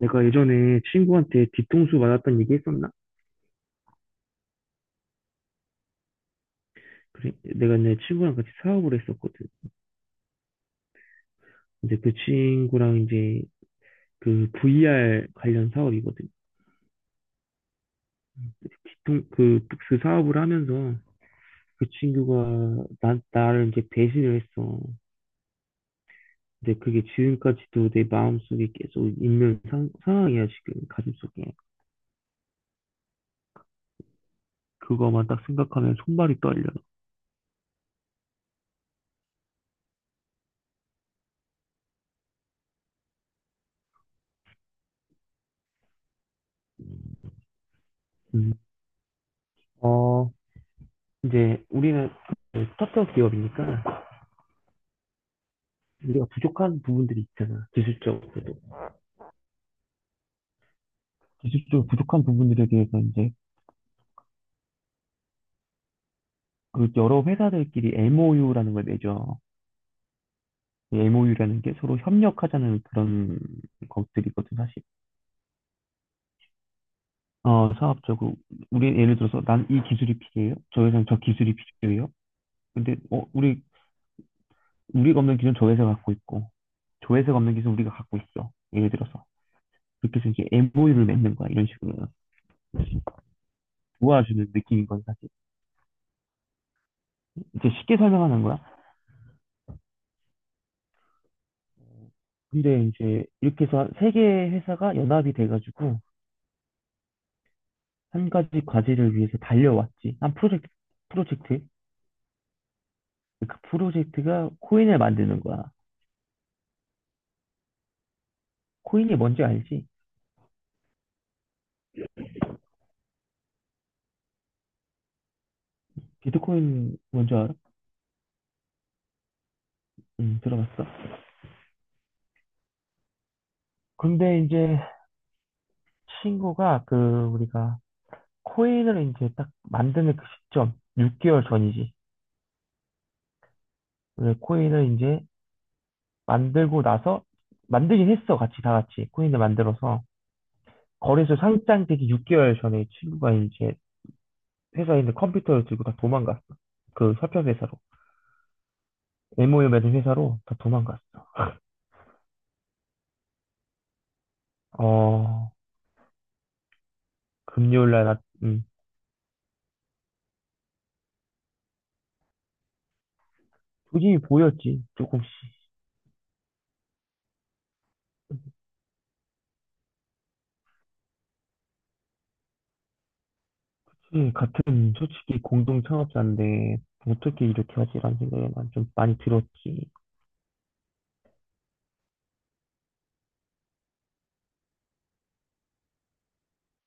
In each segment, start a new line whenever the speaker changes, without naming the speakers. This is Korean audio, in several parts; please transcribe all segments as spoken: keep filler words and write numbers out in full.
내가 예전에 친구한테 뒤통수 맞았던 얘기 했었나? 그래, 내가 내 친구랑 같이 사업을 했었거든. 근데 그 친구랑 이제 그 브이알 관련 사업이거든. 뒤통, 그, 그 사업을 하면서 그 친구가 나, 나를 이제 배신을 했어. 근데 그게 지금까지도 내 마음속에 계속 있는 상, 상황이야, 지금 가슴속에. 그거만 딱 생각하면 손발이 떨려. 음. 어, 이제 우리는 스타트업 기업이니까 우리가 부족한 부분들이 있잖아, 기술적으로. 기술적으로 부족한 부분들에 대해서 이제 그 여러 회사들끼리 엠오유라는 걸 내죠. 엠오유라는 게 서로 협력하자는 그런 것들이거든, 사실. 어, 사업적으로 우리 예를 들어서 난 이 기술이 필요해요. 저 회사는 저 기술이 필요해요. 근데 어 우리 우리가 없는 기술은 저 회사가 갖고 있고, 저 회사가 없는 기술은 우리가 갖고 있어. 예를 들어서 그렇게 해서 이제 엠오유를 맺는 거야, 이런 식으로. 도와주는 느낌인 건 사실. 이제 쉽게 설명하는 거야. 근데 이제 이렇게 해서 세 개의 회사가 연합이 돼가지고 한 가지 과제를 위해서 달려왔지. 한 프로젝트, 프로젝트. 그 프로젝트가 코인을 만드는 거야. 코인이 뭔지 알지? 비트코인 뭔지 알아? 응, 들어봤어. 근데 이제 친구가 그 우리가 코인을 이제 딱 만드는 그 시점, 육 개월 전이지. 왜 코인을 이제 만들고 나서 만들긴 했어. 같이 다 같이 코인을 만들어서 거래소 상장되기 육 개월 전에 친구가 이제 회사에 있는 컴퓨터를 들고 다 도망갔어. 그 협력 회사로. 엠오유 맺은 회사로 다 도망갔어. 어, 금요일 날, 나, 음, 조짐이 보였지, 조금씩. 솔직히 같은, 솔직히 공동 창업자인데, 어떻게 이렇게 하지라는 생각이 난 좀 많이 들었지.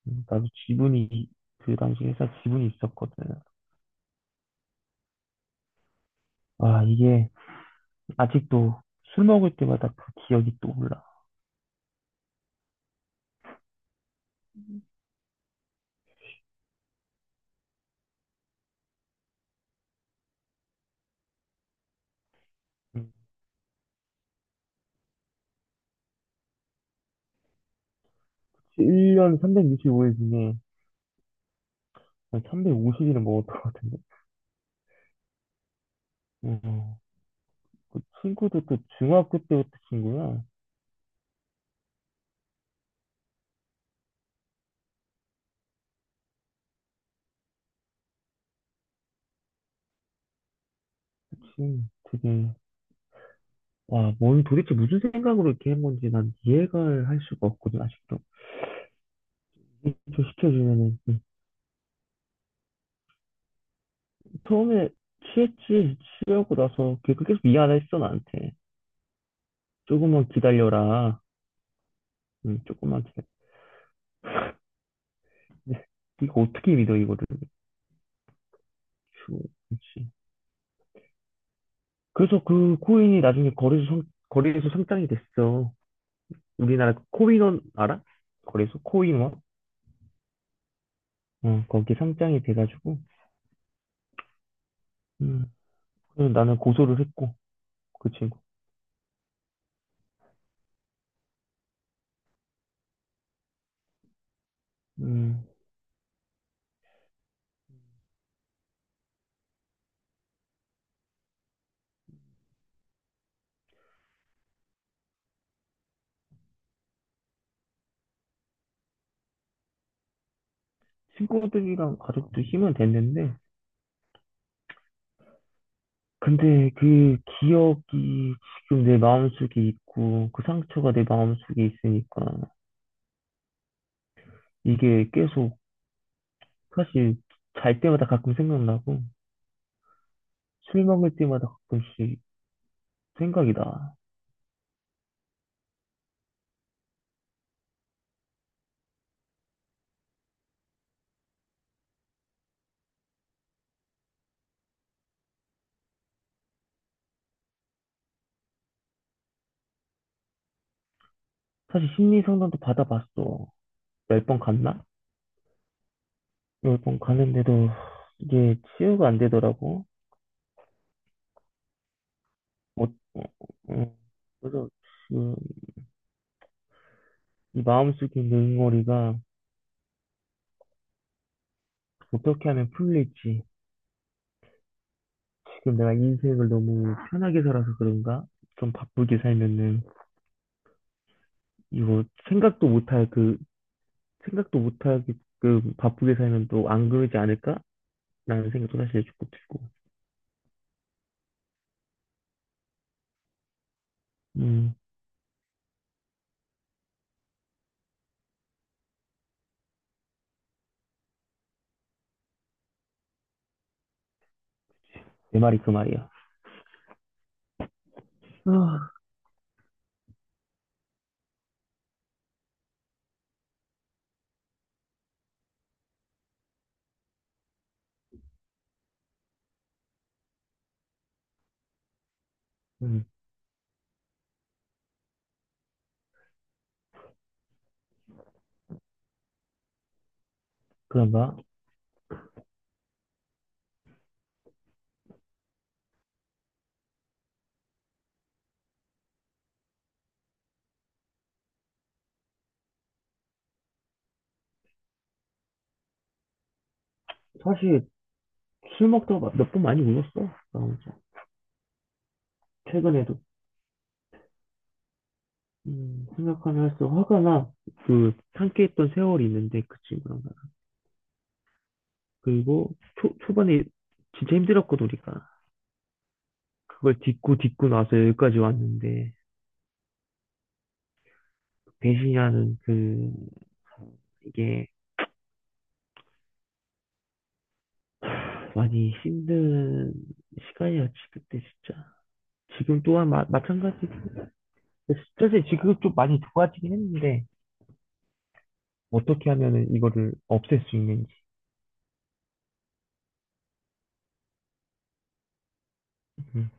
음, 나도 지분이, 그 당시 회사 지분이 있었거든. 아, 이게, 아직도 술 먹을 때마다 그 기억이 떠올라. 음, 일 년 삼백육십오 일 중에 삼백오십 일을 먹었던 것 같은데. 음, 그 친구도 또 중학교 때부터 친구야. 그치. 되게 와, 뭘 도대체 무슨 생각으로 이렇게 한 건지 난 이해가 할 수가 없거든, 아직도. 이해 좀 시켜주면은. 응. 처음에 취했지, 취하고 나서 계속 계속 미안했어, 나한테. 조금만 기다려라. 응, 조금만 기다려. 근데 이거 어떻게 믿어, 이거를. 휴, 그지. 그래서 그 코인이 나중에 거래소 상, 거래소 상장이 됐어. 우리나라 그 코인원 알아? 거래소 코인원? 응, 거기 상장이 돼가지고. 음, 그래서 나는 고소를 했고, 그 친구. 음. 친구들이랑 가족도 힘은 됐는데, 근데 그 기억이 지금 내 마음속에 있고, 그 상처가 내 마음속에 있으니까, 이게 계속, 사실 잘 때마다 가끔 생각나고, 술 먹을 때마다 가끔씩 생각이 나. 사실 심리 상담도 받아봤어. 열 번 갔나? 열 번 가는데도 이게 치유가 안 되더라고. 어, 어, 어. 그래서 지금 이 마음속에 있는 응어리가 어떻게 하면 풀릴지, 지금 내가 인생을 너무 편하게 살아서 그런가? 좀 바쁘게 살면은 이거 생각도 못할 그 생각도 못하게끔 바쁘게 살면 또 안 그러지 않을까? 라는 생각도 사실 조금 들고. 음, 내 말이 그 말이야. 아, 음, 그런가? 사실 술 먹다가 몇 번 많이 울었어. 나 혼자. 최근에도. 음, 생각하면 할수록 화가 나. 그 함께 했던 세월이 있는데 그 친구랑 나랑. 그리고 초, 초반에 진짜 힘들었거든 우리가. 그걸 딛고 딛고 나서 여기까지 왔는데 배신이라는 그, 이게 많이 힘든 시간이었지 그때 진짜. 지금 또한 마, 마찬가지. 사실 지금 좀 많이 좋아지긴 했는데 어떻게 하면은 이거를 없앨 수 있는지. 음,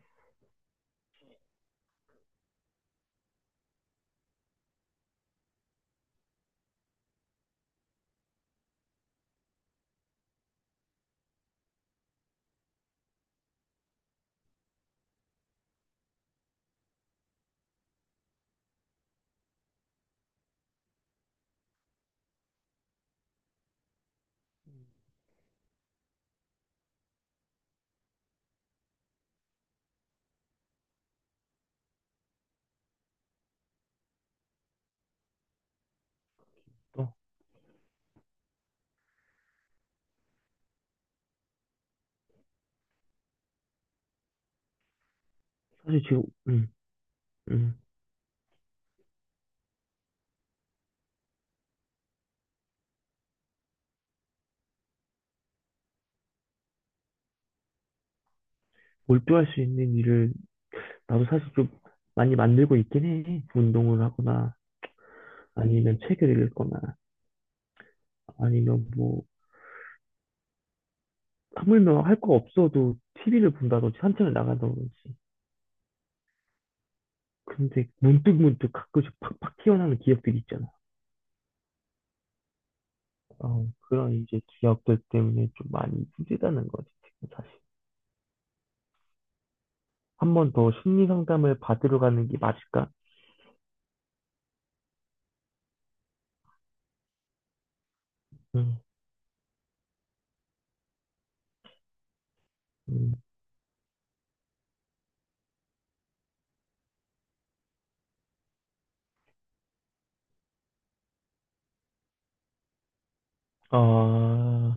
또 사실 지금, 음, 음, 몰두할 수 있는 일을 나도 사실 좀 많이 만들고 있긴 해. 운동을 하거나 아니면 책을 읽거나 아니면 뭐 하물며 할 거 없어도 티비를 본다든지 산책을 나간다든지. 근데 문득문득 가끔씩 팍팍 튀어나오는 기억들이 있잖아. 어, 그런 이제 기억들 때문에 좀 많이 힘들다는 거지, 지금 사실. 한 번 더 심리 상담을 받으러 가는 게 맞을까? 음, 음. 아,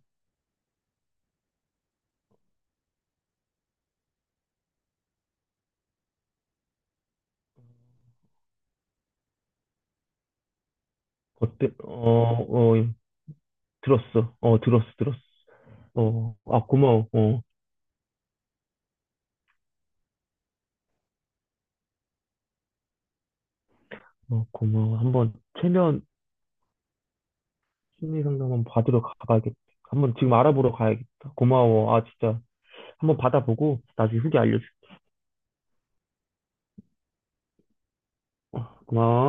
어때? 어, 어, 예. 들었어. 어, 들었어, 들었어. 어, 아, 고마워. 어, 어, 고마워. 한번 최면 심리 상담 한번 받으러 가봐야겠다. 한 번 지금 알아보러 가야겠다. 고마워. 아, 진짜. 한번 받아보고 나중에 후기 알려줄게. 고마워.